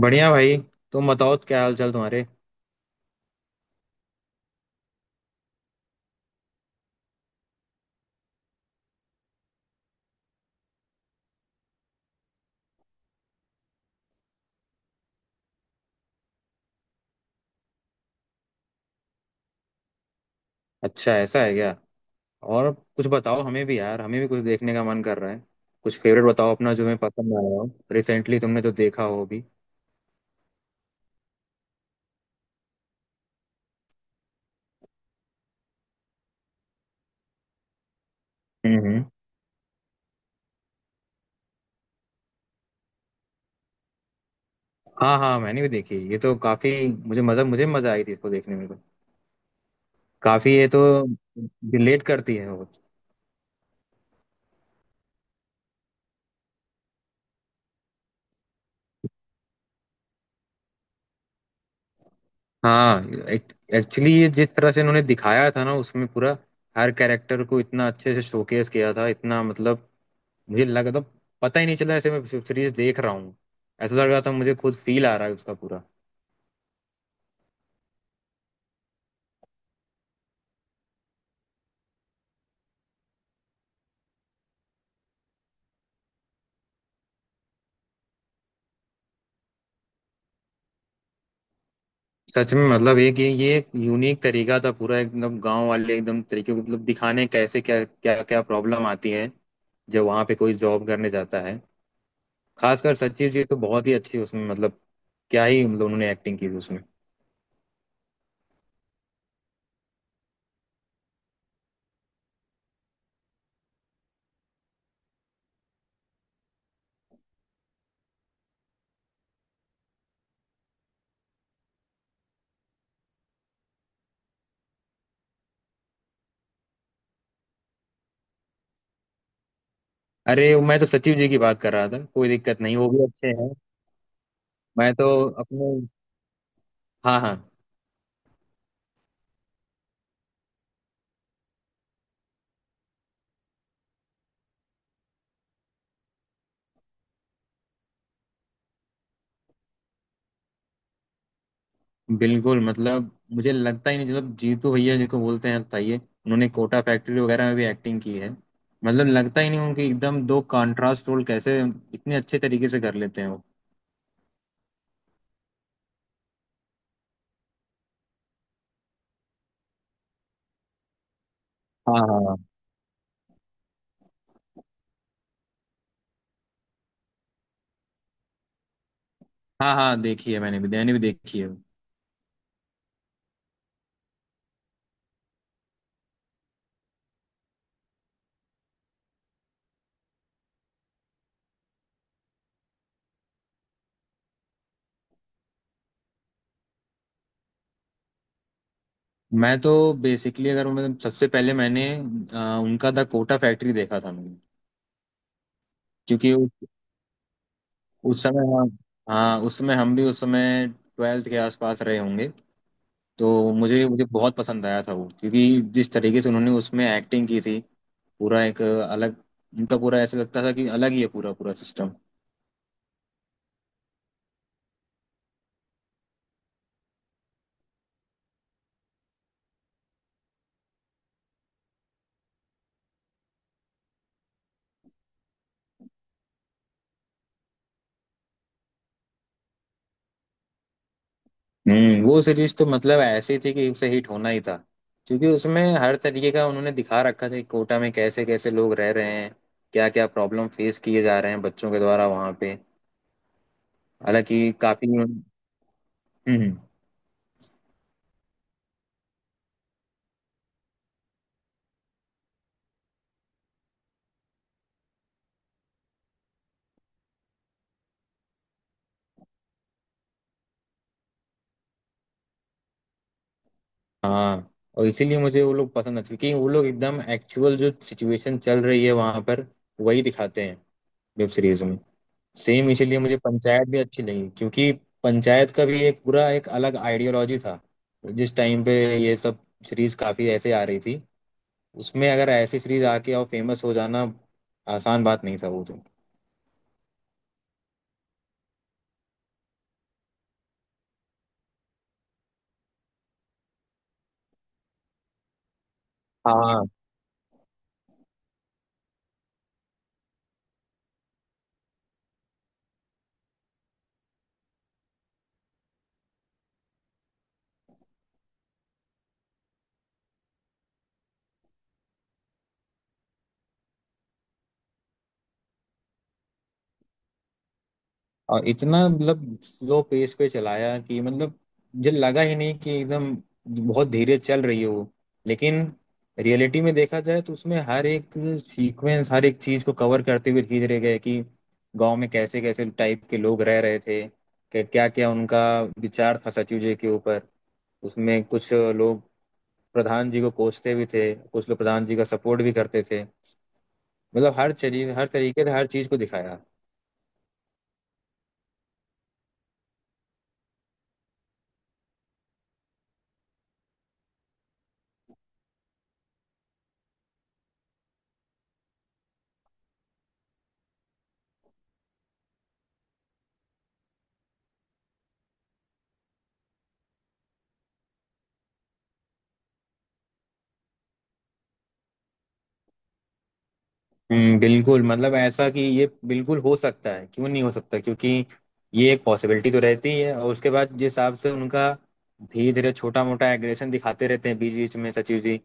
बढ़िया भाई। तुम बताओ क्या हाल चाल तुम्हारे। अच्छा, ऐसा है क्या। और कुछ बताओ हमें भी यार, हमें भी कुछ देखने का मन कर रहा है। कुछ फेवरेट बताओ अपना जो मैं पसंद आया हो। रिसेंटली तुमने जो देखा हो अभी। हम्म हम्म। हाँ हाँ, मैंने भी देखी ये तो काफी। मुझे मजा आई थी इसको देखने में तो काफी, ये तो रिलेट करती है वो। हाँ। एक्चुअली ये जिस तरह से इन्होंने दिखाया था ना, उसमें पूरा हर कैरेक्टर को इतना अच्छे से शोकेस किया था, इतना मतलब मुझे लगा तो पता ही नहीं चला ऐसे मैं सीरीज देख रहा हूँ। ऐसा लग रहा था मुझे खुद फील आ रहा है उसका पूरा। सच में मतलब एक ये एक यूनिक तरीका था पूरा एकदम गांव वाले एकदम तरीके को मतलब दिखाने कैसे क्या क्या क्या प्रॉब्लम आती है जब वहाँ पे कोई जॉब करने जाता है। खासकर सचिव जी तो बहुत ही अच्छी उसमें, मतलब क्या ही मतलब उन्होंने एक्टिंग की थी उसमें। अरे, मैं तो सचिव जी की बात कर रहा था, कोई दिक्कत नहीं, वो भी अच्छे हैं। मैं तो अपने। हाँ हाँ। बिल्कुल मतलब, मुझे लगता ही नहीं मतलब जीतू भैया जिनको बोलते हैं ताइये, उन्होंने कोटा फैक्ट्री वगैरह में भी एक्टिंग की है, मतलब लगता ही नहीं उनकी एकदम दो कंट्रास्ट रोल कैसे इतने अच्छे तरीके से कर लेते हैं वो। हाँ हाँ। हाँ हाँ, देखी है, मैंने भी देखी है। मैं तो बेसिकली, अगर मैं सबसे पहले मैंने उनका द कोटा फैक्ट्री देखा था मैंने। क्योंकि उस समय, हाँ, हाँ उस समय हम भी उस समय 12th के आसपास रहे होंगे। तो मुझे मुझे बहुत पसंद आया था वो, क्योंकि जिस तरीके से उन्होंने उसमें एक्टिंग की थी पूरा एक अलग उनका पूरा, ऐसा लगता था कि अलग ही है पूरा पूरा सिस्टम। वो सीरीज तो मतलब ऐसी थी कि उसे हिट होना ही था। क्योंकि उसमें हर तरीके का उन्होंने दिखा रखा था कि कोटा में कैसे कैसे लोग रह रहे हैं, क्या क्या प्रॉब्लम फेस किए जा रहे हैं बच्चों के द्वारा वहाँ पे। हालांकि काफी। हम्म, हाँ। और इसीलिए मुझे वो लोग पसंद आते हैं, क्योंकि वो लोग एकदम एक्चुअल जो सिचुएशन चल रही है वहाँ पर वही दिखाते हैं वेब सीरीजों में। सेम, इसीलिए मुझे पंचायत भी अच्छी लगी, क्योंकि पंचायत का भी एक पूरा एक अलग आइडियोलॉजी था। जिस टाइम पे ये सब सीरीज काफी ऐसे आ रही थी, उसमें अगर ऐसी सीरीज आके और फेमस हो जाना आसान बात नहीं था वो तो। हाँ, और इतना मतलब स्लो पेस पे चलाया कि मतलब मुझे लगा ही नहीं कि एकदम बहुत धीरे चल रही है वो। लेकिन रियलिटी में देखा जाए तो उसमें हर एक सीक्वेंस हर एक चीज को कवर करते हुए धीरे गए कि गांव में कैसे कैसे टाइप के लोग रह रहे थे, कि क्या क्या उनका विचार था सचिव जी के ऊपर। उसमें कुछ लोग प्रधान जी को कोसते भी थे, कुछ लोग प्रधान जी का सपोर्ट भी करते थे। मतलब हर चीज हर तरीके से हर चीज को दिखाया। बिल्कुल मतलब ऐसा कि ये बिल्कुल हो सकता है, क्यों नहीं हो सकता, क्योंकि ये एक पॉसिबिलिटी तो रहती है। और उसके बाद जिस हिसाब से उनका धीरे धीरे छोटा मोटा एग्रेशन दिखाते रहते हैं बीच बीच में सचिव जी,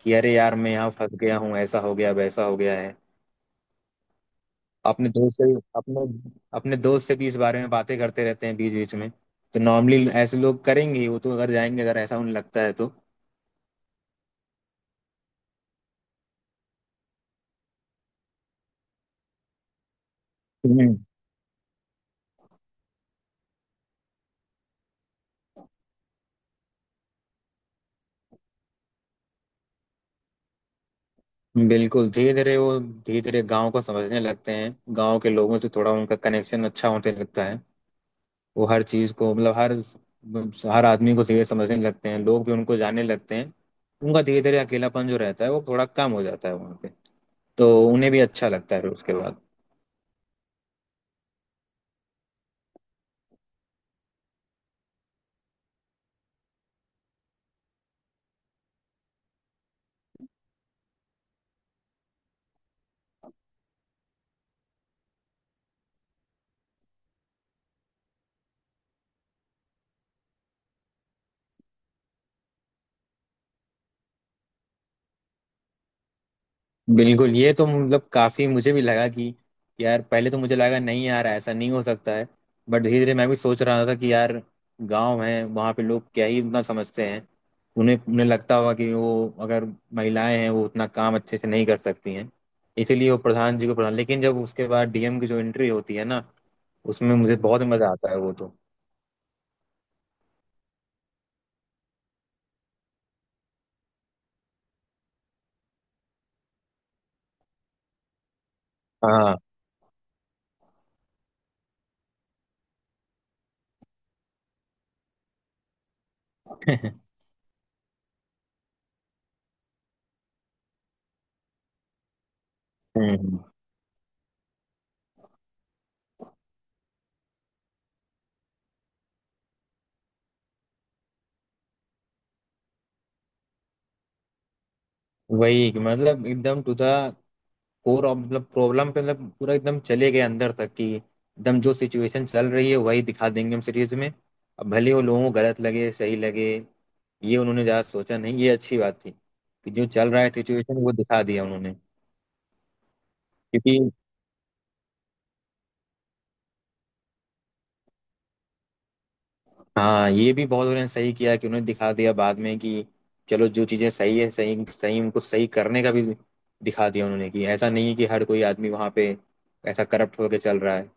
कि अरे यार मैं यहाँ फंस गया हूँ, ऐसा हो गया वैसा हो गया है। अपने दोस्त से अपने अपने दोस्त से भी इस बारे में बातें करते रहते हैं बीच बीच में। तो नॉर्मली ऐसे लोग करेंगे ही, वो तो अगर जाएंगे अगर ऐसा उन्हें लगता है तो। बिल्कुल, धीरे धीरे वो धीरे धीरे गांव को समझने लगते हैं, गांव के लोगों से थोड़ा उनका कनेक्शन अच्छा होने लगता है। वो हर चीज को मतलब हर हर आदमी को धीरे समझने लगते हैं, लोग भी उनको जानने लगते हैं। उनका धीरे धीरे अकेलापन जो रहता है वो थोड़ा कम हो जाता है वहाँ पे, तो उन्हें भी अच्छा लगता है फिर उसके बाद। बिल्कुल, ये तो मतलब काफी मुझे भी लगा कि यार पहले तो मुझे लगा नहीं यार ऐसा नहीं हो सकता है। बट धीरे धीरे मैं भी सोच रहा था कि यार, गांव है वहाँ पे लोग क्या ही उतना समझते हैं। उन्हें उन्हें लगता होगा कि वो अगर महिलाएं हैं वो उतना काम अच्छे से नहीं कर सकती हैं, इसीलिए वो प्रधान जी को प्रधान। लेकिन जब उसके बाद डीएम की जो एंट्री होती है ना, उसमें मुझे बहुत मजा आता है वो तो। हाँ। हम्म वही कि मतलब एकदम टू द कोर ऑफ मतलब प्रॉब्लम पे मतलब पूरा एकदम चले गए अंदर तक, कि एकदम जो सिचुएशन चल रही है वही दिखा देंगे हम सीरीज में। अब भले वो लोगों को गलत लगे सही लगे, ये उन्होंने ज़्यादा सोचा नहीं, ये अच्छी बात थी कि जो चल रहा है सिचुएशन वो दिखा दिया उन्होंने। क्योंकि हाँ, ये भी बहुत उन्होंने सही किया कि उन्होंने दिखा दिया बाद में कि चलो जो चीज़ें सही है सही सही उनको सही करने का भी दिखा दिया उन्होंने, कि ऐसा नहीं है कि हर कोई आदमी वहाँ पे ऐसा करप्ट होके चल रहा है।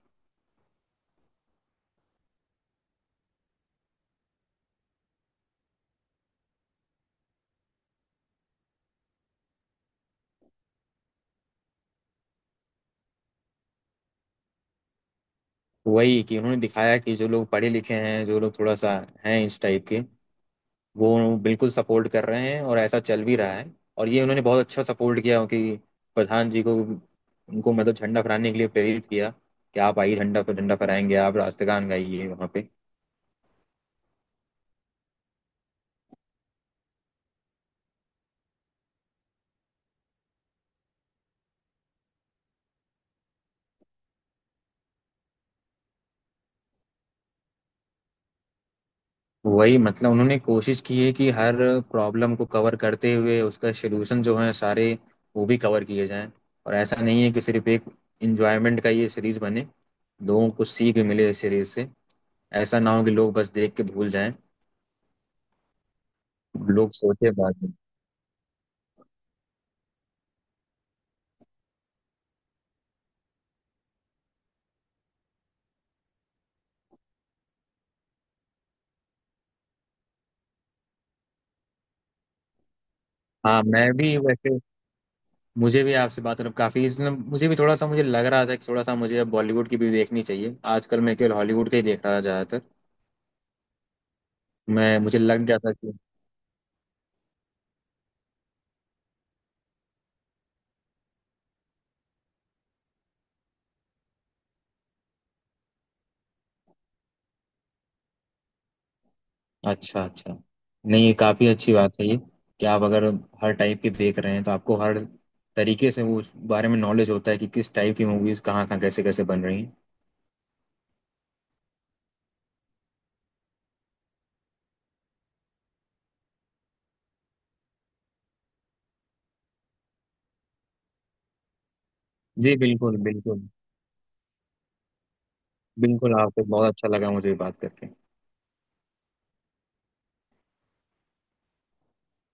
वही कि उन्होंने दिखाया कि जो लोग पढ़े लिखे हैं, जो लोग थोड़ा सा हैं इस टाइप के, वो बिल्कुल सपोर्ट कर रहे हैं और ऐसा चल भी रहा है। और ये उन्होंने बहुत अच्छा सपोर्ट किया कि प्रधान जी को उनको मतलब झंडा फहराने के लिए प्रेरित किया, कि आप आइए झंडा झंडा फहराएंगे, आप राष्ट्रगान गाइए वहाँ पे। वही मतलब उन्होंने कोशिश की है कि हर प्रॉब्लम को कवर करते हुए उसका सलूशन जो है सारे वो भी कवर किए जाएं। और ऐसा नहीं है कि सिर्फ एक इंजॉयमेंट का ये सीरीज बने, लोगों को सीख भी मिले इस सीरीज से। ऐसा ना हो कि लोग बस देख के भूल जाएं, लोग सोचे बाद में। हाँ, मैं भी वैसे, मुझे भी आपसे बात करके काफी इसमें मुझे भी थोड़ा सा मुझे लग रहा था कि थोड़ा सा मुझे अब बॉलीवुड की भी देखनी चाहिए, आजकल मैं केवल हॉलीवुड के ही देख रहा था ज्यादातर। मैं मुझे लग जाता कि, अच्छा अच्छा। नहीं, ये काफी अच्छी बात है ये कि आप अगर हर टाइप की देख रहे हैं तो आपको हर तरीके से वो उस बारे में नॉलेज होता है कि किस टाइप की मूवीज कहाँ कहाँ कैसे कैसे बन रही हैं। जी बिल्कुल बिल्कुल। बिल्कुल आपसे बहुत अच्छा लगा मुझे बात करके।